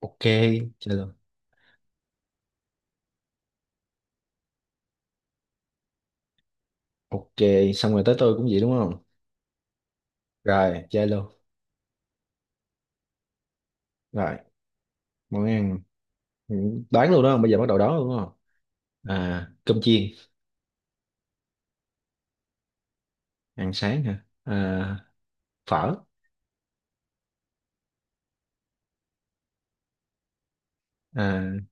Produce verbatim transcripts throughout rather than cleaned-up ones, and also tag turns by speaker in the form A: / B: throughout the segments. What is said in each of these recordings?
A: ok chơi luôn. Ok xong rồi tới tôi cũng vậy đúng không? Rồi chơi luôn. Rồi. Món ăn. Ừ, đoán luôn đó, bây giờ bắt đầu đoán luôn đúng không? À, cơm chiên. Ăn sáng hả? À, phở. À,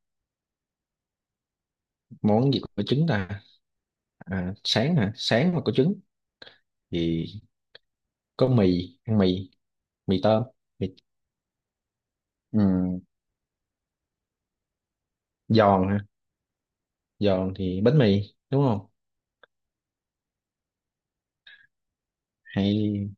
A: món gì có trứng ta? À, sáng hả? Sáng mà có trứng thì có mì, ăn mì. Mì tôm. Mì. Ừ. Giòn hả? Giòn thì bánh mì, đúng không? Hay.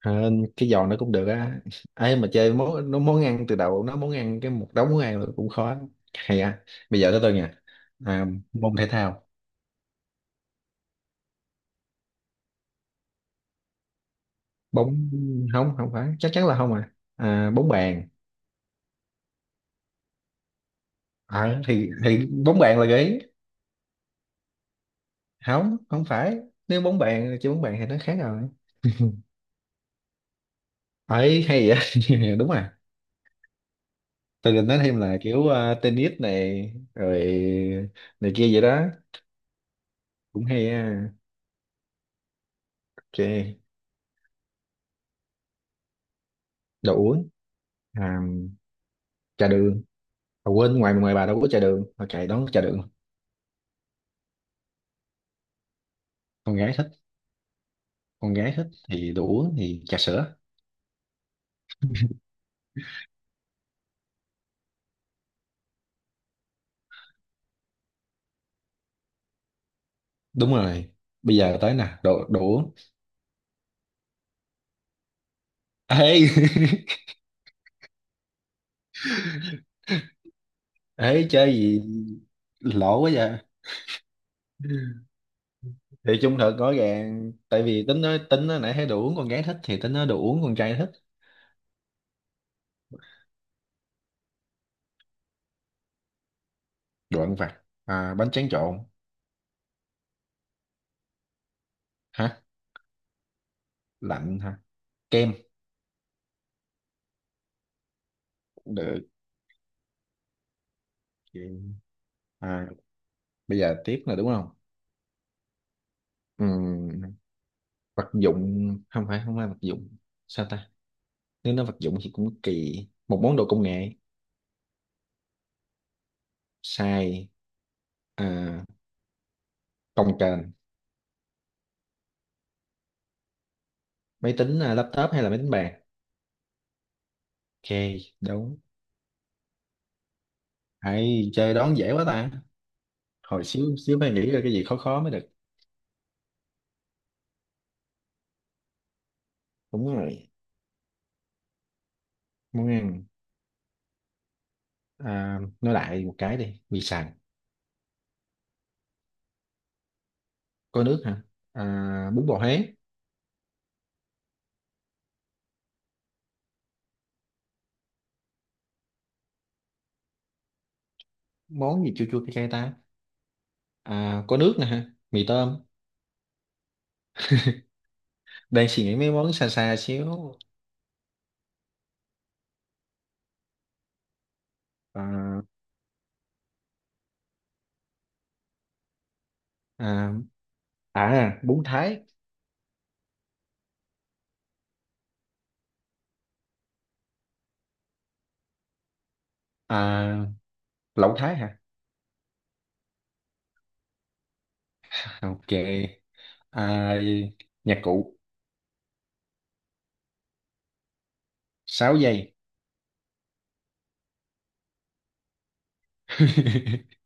A: Ờ, cái giò nó cũng được á. Ấy mà chơi món nó món ăn từ đầu nó món ăn cái một đống món ăn là cũng khó. Hay à. Bây giờ tới tôi nha. À, môn thể thao. Bóng. Không, không phải, chắc chắn là không. à, à bóng bàn. Ờ, thì thì bóng bàn là gợi ý. Không, không phải. Nếu bóng bàn chơi bóng bàn thì nó khác rồi. Ấy hay vậy, đúng à? Tôi định nói thêm là kiểu ờ, tennis này rồi này kia vậy đó. Cũng hay á. Ok, đồ uống. À, trà đường. À, quên, ngoài ngoài bà đâu có trà đường mà chạy đón trà đường. Con gái thích. Con gái thích thì đồ uống thì trà sữa. Đúng rồi, bây giờ tới nè. Đồ đồ uống. Ê. ê, chơi gì, lỗ quá vậy. Thì chung thực rõ ràng, tại vì tính nói tính nói nãy thấy đồ uống con gái thích thì tính nói đồ uống con trai thích. Đồ ăn vặt. À, bánh tráng trộn. Hả? Lạnh hả? Kem. Cũng được. Kem. À, bây giờ tiếp là đúng không? Ừm, vật dụng. Không phải, không phải vật dụng. Sao ta? Nếu nó vật dụng thì cũng kỳ. Một món đồ công nghệ. Xài. À, cồng kềnh. Máy tính. À, laptop hay là máy tính bàn. Ok. Đúng. Hay chơi đón dễ quá ta. Hồi xíu xíu phải nghĩ ra cái gì khó khó mới được. Đúng rồi. Món ăn. À, nói lại một cái đi. Mì sành. Có nước hả? À, bún bò Huế. Món gì chua chua cay cay ta? À, có nước nè hả? Mì tôm. Đang suy nghĩ mấy món xa xa xíu. à, à, à bún Thái. À, lẩu Thái hả? Ok. À, nhạc cụ. Sáu giây.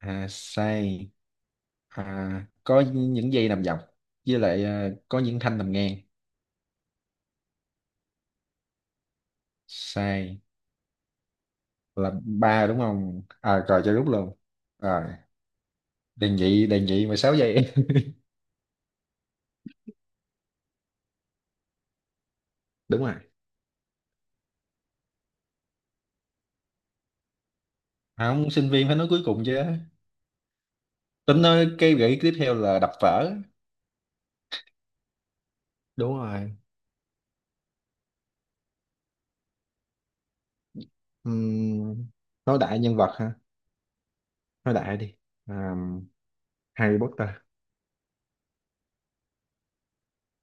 A: à, say. À, có những dây nằm dọc, với lại à, có những thanh nằm ngang. Sai. Là ba đúng không? À rồi cho rút luôn. Rồi. Đề nghị, đề nghị mà sáu giây. đúng rồi. À, không, sinh viên phải nói cuối cùng chứ. Tính nói cái gợi ý tiếp theo là đập vỡ. Đúng rồi. Ừm, nói đại nhân vật ha. Nói đại đi. À, Harry Potter.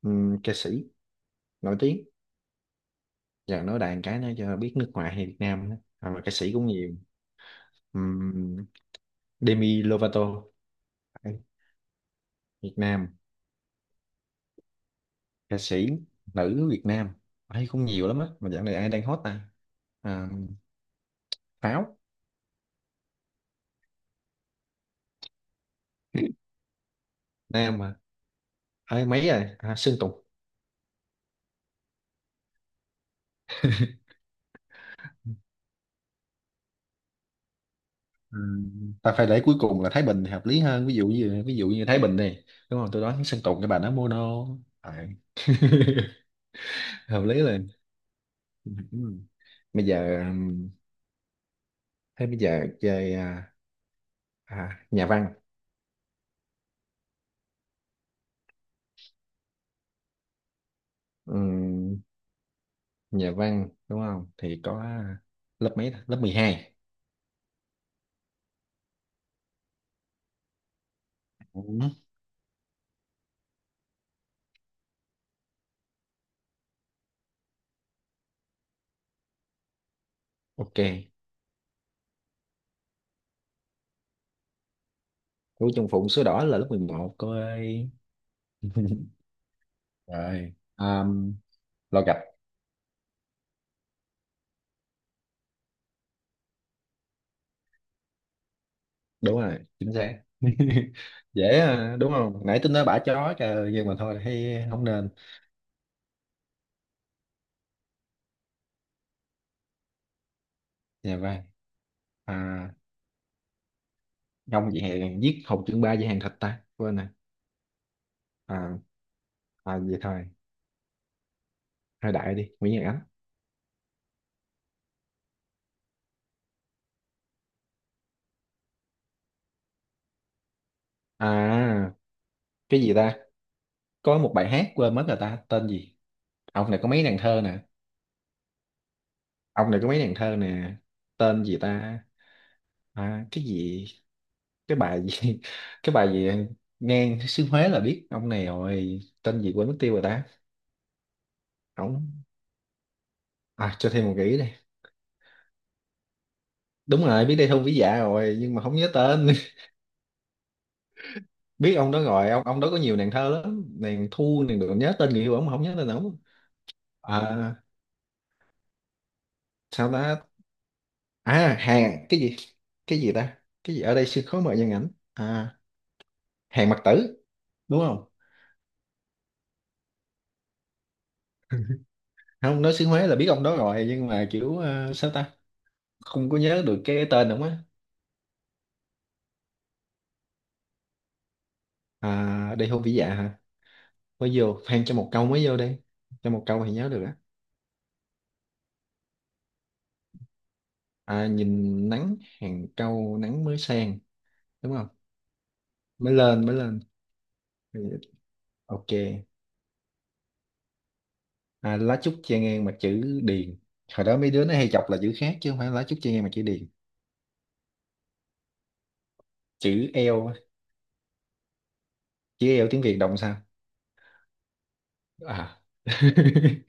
A: ừm, ca sĩ. Nổi tiếng. Giờ nói đại cái nữa cho biết nước ngoài hay Việt Nam nữa. À, mà ca sĩ cũng nhiều. Ừm, Demi Lovato. Đấy, Việt Nam. Ca sĩ nữ Việt Nam ấy cũng nhiều lắm á, mà dạo này ai đang hot ta? À, Pháo. Nam mà. Ấy mấy rồi, à Sơn Tùng. Ừm, ta phải để cuối cùng là Thái Bình thì hợp lý hơn. Ví dụ như ví dụ như Thái Bình này, đúng không? Tôi nói Sơn Tùng cái bà nó mono. À. hợp lý là. Ừ. Bây giờ, thế bây giờ chơi à, à, nhà văn. Ừm, nhà văn đúng không thì có lớp mấy ta? Lớp mười hai. Ừ. Ok. Của Trung Phụng số đỏ là lớp mười một cô ơi. rồi um, lo gạch. Đúng rồi, chính xác. dễ à, đúng không? Nãy tôi nói bả chó trời nhưng mà thôi thấy không nên. Nhà văn. À, không vậy hè, giết Hồng Chương Ba về hàng thịt ta quên nè. à, à vậy thôi. Thôi đại đi, Nguyễn Nhật Ánh. À, cái gì ta? Có một bài hát quên mất rồi ta, tên gì? Ông này có mấy nàng thơ nè. Ông này có mấy nàng thơ nè. Tên gì ta? À, cái gì, cái bài gì, cái bài gì? Ngang xứ Huế là biết ông này rồi, tên gì quên mất tiêu rồi ta. Ông. À, cho thêm một gợi ý. Đây đúng rồi, biết đây thu vĩ dạ rồi nhưng mà không nhớ tên. biết ông đó rồi, ông ông đó có nhiều nàng thơ lắm, nàng thu nàng được nhớ tên người yêu ông mà không nhớ tên ông. À, sao ta? À, hàng cái gì? Cái gì ta? Cái gì ở đây sương khói mờ nhân ảnh à? Hàng Mặc Tử, đúng không? không, nói xứ Huế là biết ông đó rồi nhưng mà kiểu ờ, sao ta, không có nhớ được cái tên đúng á. À, đây hôn vĩ dạ hả? Mới vô phan cho một câu mới vô đây, cho một câu thì nhớ được á. À, nhìn nắng hàng cau nắng mới sang, đúng không? Mới lên, mới lên. Ok. À, lá trúc che ngang mặt chữ điền. Hồi đó mấy đứa nó hay chọc là chữ khác chứ không phải lá trúc che ngang mặt chữ điền. Chữ L. Chứ yêu tiếng Việt động sao. À.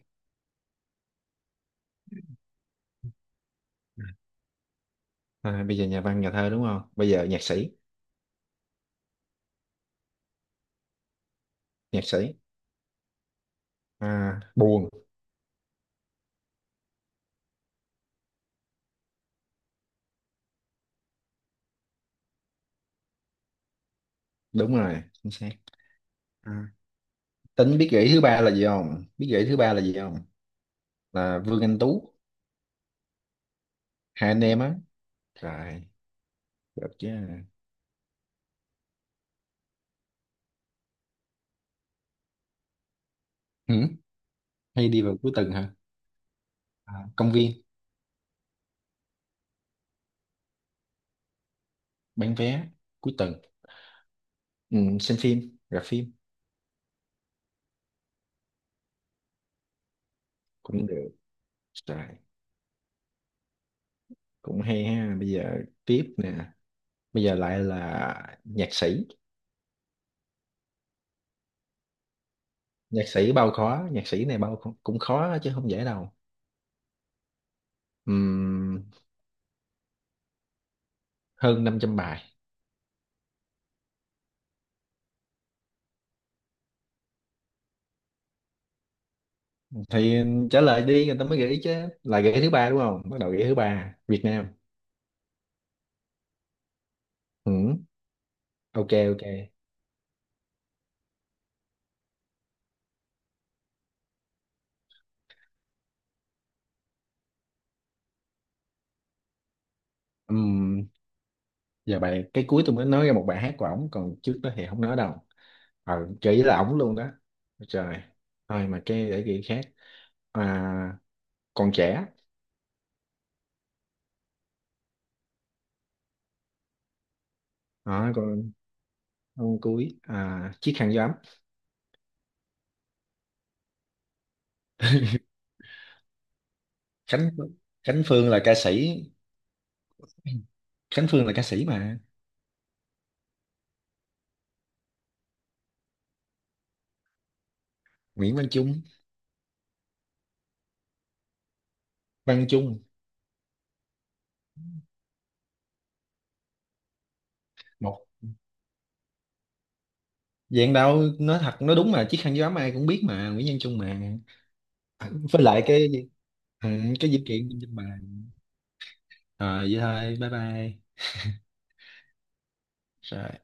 A: à, bây giờ nhà văn nhà thơ đúng không, bây giờ nhạc sĩ. Nhạc sĩ. À, buồn. Đúng rồi, chính xác. À. Tính biết gợi ý thứ ba là gì không? Biết gợi ý thứ ba là gì không? Là Vương Anh Tú. Hai anh em á. Rồi được chứ. Ừ. Hay đi vào cuối tuần hả? À, công viên. Bán vé. Cuối tuần. Ừ, xem phim, gặp phim. Cũng được. Rồi, cũng hay ha. Bây giờ tiếp nè. Bây giờ lại là nhạc sĩ. Nhạc sĩ bao khó. Nhạc sĩ này bao cũng cũng khó chứ không dễ đâu. Ừm, hơn năm trăm bài. Thì trả lời đi người ta mới gợi ý chứ. Là gợi ý thứ ba đúng không? Bắt đầu gợi ý thứ ba. Việt Nam. Ừ, ok. Ok. Ừm, giờ bài cái cuối tôi mới nói ra một bài hát của ổng, còn trước đó thì không nói đâu. ờ gợi ý là ổng luôn đó. Trời. Thôi mà, cái để gợi ý khác. À, còn trẻ. À, còn ông cuối. À, chiếc khăn gió ấm. Khánh. Khánh Phương là ca sĩ. Khánh Phương là ca sĩ mà. Nguyễn Văn Trung. Văn Trung. Một dạng đạo nói thật, nói đúng mà chiếc khăn gió ai cũng biết mà Nguyễn Văn Trung mà. Với lại cái. Ừ, cái dữ kiện trên bà. Rồi vậy thôi, bye bye. Rồi.